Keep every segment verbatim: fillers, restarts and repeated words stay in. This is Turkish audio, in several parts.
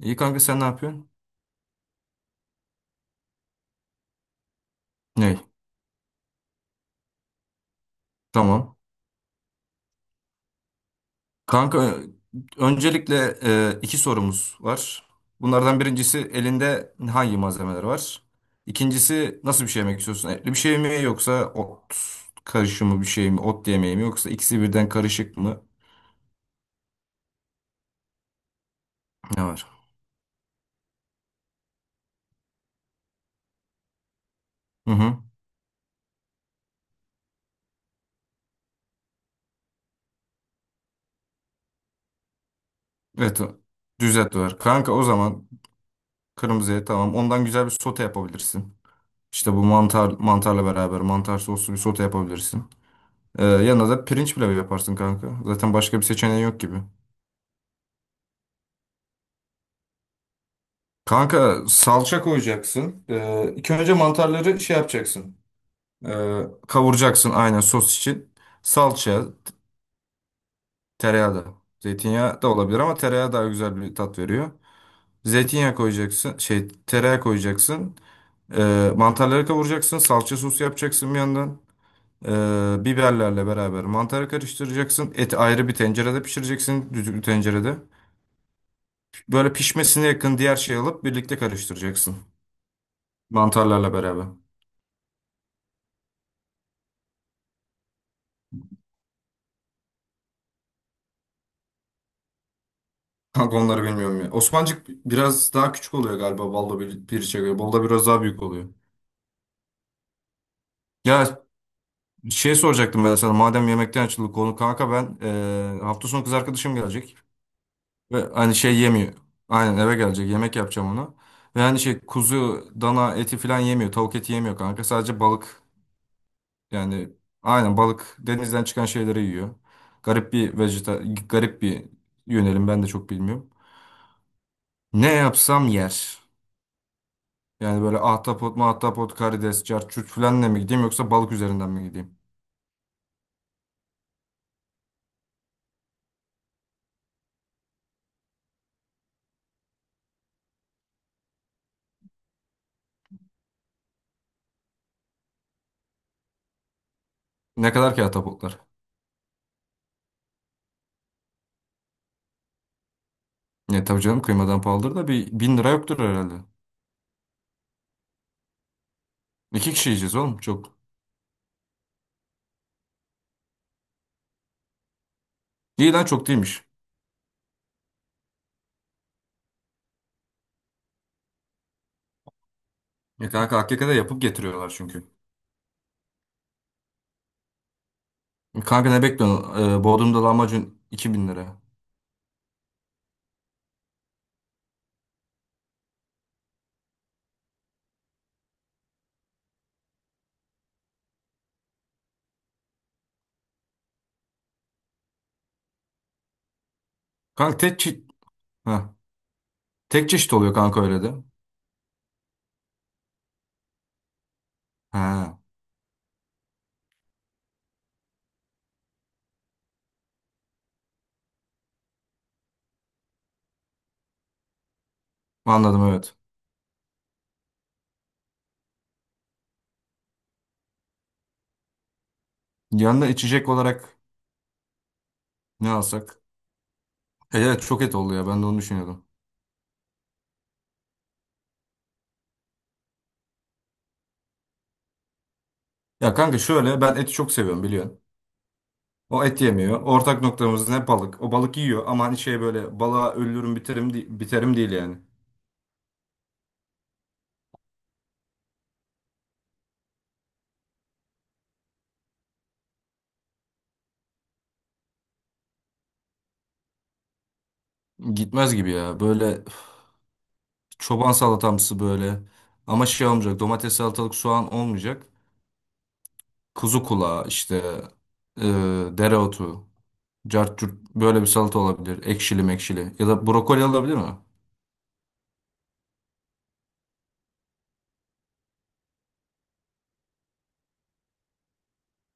İyi kanka sen ne yapıyorsun? Ney? Tamam. Kanka öncelikle e, iki sorumuz var. Bunlardan birincisi elinde hangi malzemeler var? İkincisi nasıl bir şey yemek istiyorsun? Etli bir şey mi yoksa ot karışımı bir şey mi? Ot yemeği mi yoksa ikisi birden karışık mı? Ne var? Hı hı. Evet. o- Düzelt var. Kanka o zaman kırmızı et tamam. Ondan güzel bir sote yapabilirsin. İşte bu mantar mantarla beraber mantar soslu bir sote yapabilirsin. Ee, yanına da pirinç pilavı yaparsın kanka. Zaten başka bir seçeneği yok gibi. Kanka salça koyacaksın. Ee, ilk önce mantarları şey yapacaksın. Ee, kavuracaksın aynen sos için. Salça, tereyağı da. Zeytinyağı da olabilir ama tereyağı daha güzel bir tat veriyor. Zeytinyağı koyacaksın. Şey tereyağı koyacaksın. Ee, mantarları kavuracaksın. Salça sosu yapacaksın bir yandan. Ee, biberlerle beraber mantarı karıştıracaksın. Eti ayrı bir tencerede pişireceksin. Düdüklü tencerede. Böyle pişmesine yakın diğer şeyi alıp birlikte karıştıracaksın. Mantarlarla beraber. Kanka onları bilmiyorum ya. Osmancık biraz daha küçük oluyor galiba balda bir, piriçe göre. Balda biraz daha büyük oluyor. Ya şey soracaktım ben sana. Madem yemekten açıldı konu kanka ben eee, hafta sonu kız arkadaşım gelecek. Ve hani şey yemiyor. Aynen eve gelecek. Yemek yapacağım ona. Ve hani şey kuzu, dana eti falan yemiyor. Tavuk eti yemiyor kanka. Sadece balık. Yani aynen balık denizden çıkan şeyleri yiyor. Garip bir vejeta, garip bir yönelim ben de çok bilmiyorum. Ne yapsam yer. Yani böyle ahtapot, mahtapot, karides, carçurt falanla mı gideyim yoksa balık üzerinden mi gideyim? Ne kadar ki ahtapotlar? Ne tabii canım kıymadan pahalıdır da bir bin lira yoktur herhalde. İki kişi yiyeceğiz oğlum çok. İyi lan çok değilmiş. Ya kanka hakikaten yapıp getiriyorlar çünkü. E kanka ne bekliyorsun? Ee, Bodrum'da lahmacun iki bin lira. Kanka tek çeşit... Ha. Tek çeşit oluyor kanka öyle de. Ha. Anladım, evet. Yanına içecek olarak ne alsak? E, Evet, çok et oldu ya, ben de onu düşünüyordum. Ya kanka şöyle, ben eti çok seviyorum biliyorsun. O et yemiyor. Ortak noktamız ne, balık. O balık yiyor ama hani şey böyle balığa ölürüm biterim, de- biterim değil yani. Gitmez gibi ya. Böyle üf, çoban salatamsı böyle. Ama şey olmayacak, domates salatalık soğan olmayacak. Kuzu kulağı işte e, dereotu. Cart curt böyle bir salata olabilir. Ekşili mekşili. Ya da brokoli olabilir mi?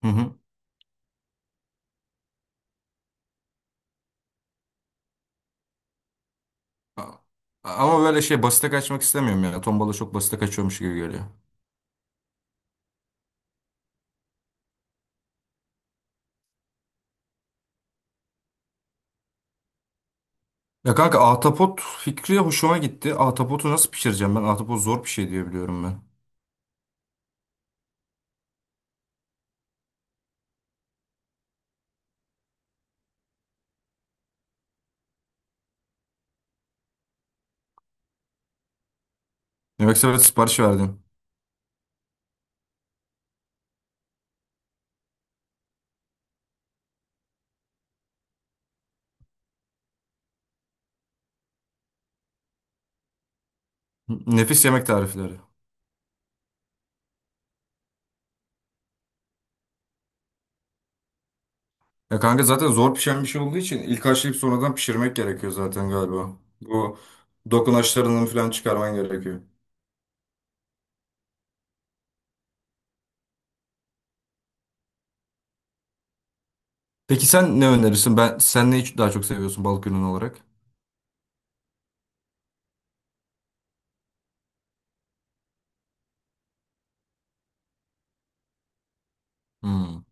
Hı hı. A- Ama böyle şey basite kaçmak istemiyorum ya. Tombala çok basite kaçıyormuş gibi geliyor. Ya kanka ahtapot fikri hoşuma gitti. Ahtapotu nasıl pişireceğim ben? Ahtapot zor bir şey diye biliyorum ben. Yemekse ben sipariş verdim. Nefis yemek tarifleri. Ya kanka zaten zor pişen bir şey olduğu için ilk haşlayıp sonradan pişirmek gerekiyor zaten galiba. Bu dokunaçlarını falan çıkarman gerekiyor. Peki sen ne önerirsin? Ben sen neyi daha çok seviyorsun balık ürünü olarak? Hmm,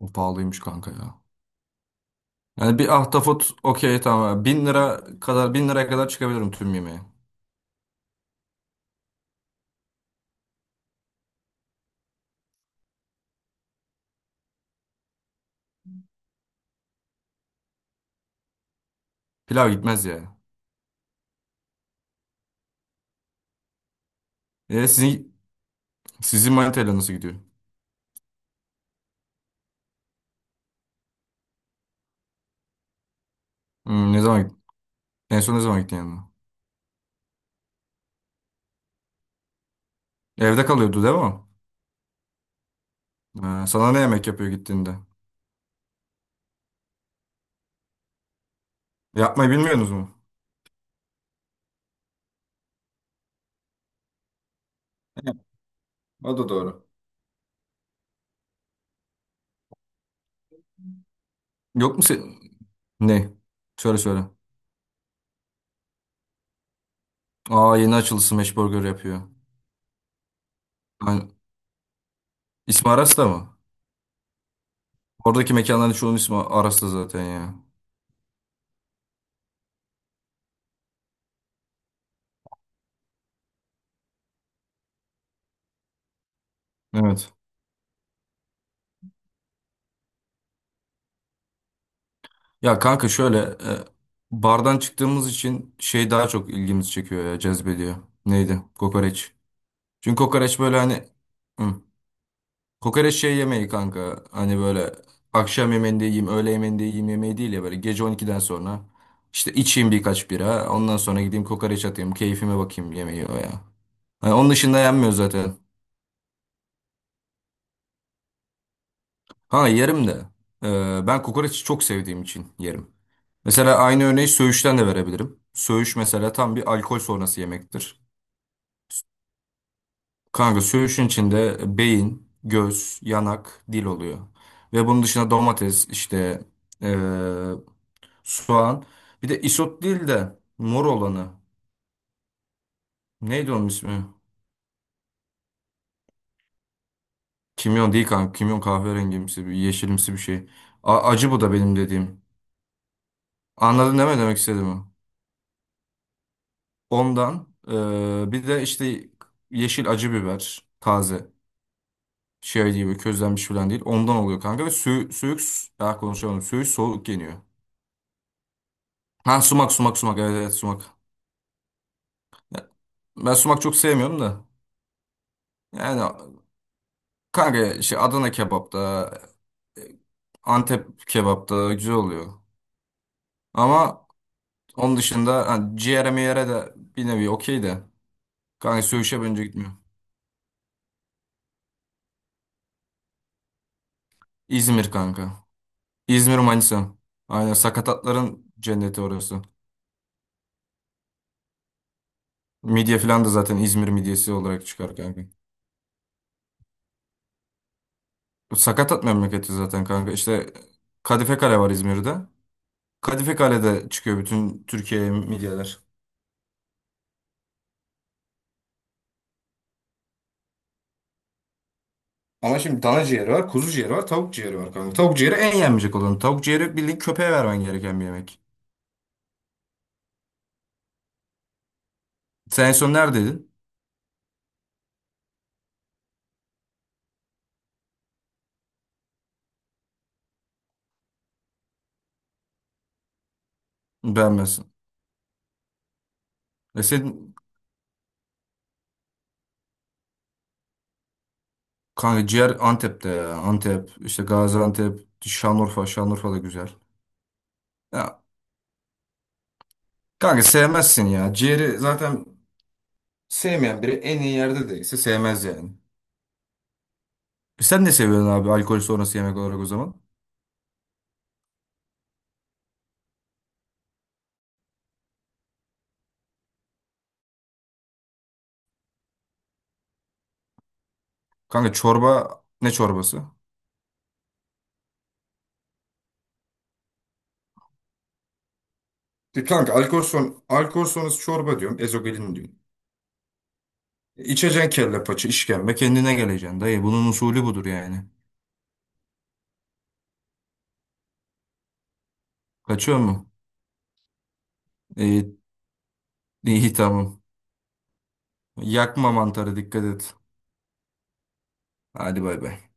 o pahalıymış kanka ya. Yani bir ahtapot okey tamam. Yani Bin lira kadar bin liraya kadar çıkabilirim tüm yemeğe. Pilav gitmez ya. E sizin sizin manitayla nasıl gidiyor? Hmm, ne zaman gittin? En son ne zaman gittin yanına? Evde kalıyordu değil mi, o? Ha, sana ne yemek yapıyor gittiğinde? Yapmayı bilmiyorsunuz mu? O da doğru. Yok mu sen? Ne? Söyle söyle. Aa, yeni açıldı, Smash Burger yapıyor. Ben... İsmi Aras mı? Oradaki mekanların çoğunun ismi Aras'ta zaten ya. Evet. Ya kanka şöyle, e, bardan çıktığımız için şey daha çok ilgimizi çekiyor ya, cezbediyor. Neydi? Kokoreç. Çünkü kokoreç böyle hani hı, kokoreç şey yemeği kanka. Hani böyle akşam yemeğinde yiyeyim, öğle yemeğinde yiyeyim yemeği değil ya, böyle gece on ikiden sonra işte içeyim birkaç bira, ondan sonra gideyim kokoreç atayım, keyfime bakayım yemeği o ya. Hani onun dışında yenmiyor zaten. Ha, yerim de. E, ben kokoreçi çok sevdiğim için yerim. Mesela aynı örneği söğüşten de verebilirim. Söğüş mesela tam bir alkol sonrası yemektir. Kanka söğüşün içinde beyin, göz, yanak, dil oluyor. Ve bunun dışında domates, işte eee, soğan. Bir de isot değil de mor olanı. Neydi onun ismi? Kimyon değil kanka. Kimyon kahverengimsi, bir yeşilimsi bir şey. A- acı bu da benim dediğim. Anladın değil mi demek istediğimi? Ondan eee, bir de işte yeşil acı biber taze. Şey gibi közlenmiş falan değil. Ondan oluyor kanka, ve sü suyuk daha konuşamadım. Söğüş soğuk yeniyor. Ha, sumak sumak sumak, evet evet sumak. Ya, ben sumak çok sevmiyorum da. Yani kanka şey Adana kebapta, Antep kebapta güzel oluyor. Ama onun dışında hani ciğere miğere de bir nevi okey de. Kanka söğüşe bence gitmiyor. İzmir kanka. İzmir, Manisa. Aynen, sakatatların cenneti orası. Midye falan da zaten İzmir midyesi olarak çıkar kanka. Sakatat memleketi zaten kanka. İşte Kadife Kale var İzmir'de. Kadife Kale'de çıkıyor bütün Türkiye'ye midyeler. Ama şimdi dana ciğeri var, kuzu ciğeri var, tavuk ciğeri var kanka. Tavuk ciğeri en yenmeyecek olan. Tavuk ciğeri bildiğin köpeğe vermen gereken bir yemek. Sen en son neredeydin? Beğenmezsin. E senin kanka ciğer Antep'te ya. Antep, işte Gaziantep, Şanlıurfa. Şanlıurfa da güzel. Ya kanka sevmezsin ya. Ciğeri zaten sevmeyen biri en iyi yerde değilse sevmez yani. E Sen ne seviyorsun abi alkol sonrası yemek olarak o zaman? Kanka çorba, ne çorbası? E kanka alkol, son, alkol sonrası çorba diyorum. Ezogelin diyorum. E, İçeceksin kelle paça işkembe, kendine geleceksin dayı. Bunun usulü budur yani. Kaçıyor mu? İyi, iyi tamam. Yakma mantarı, dikkat et. Hadi bay bay.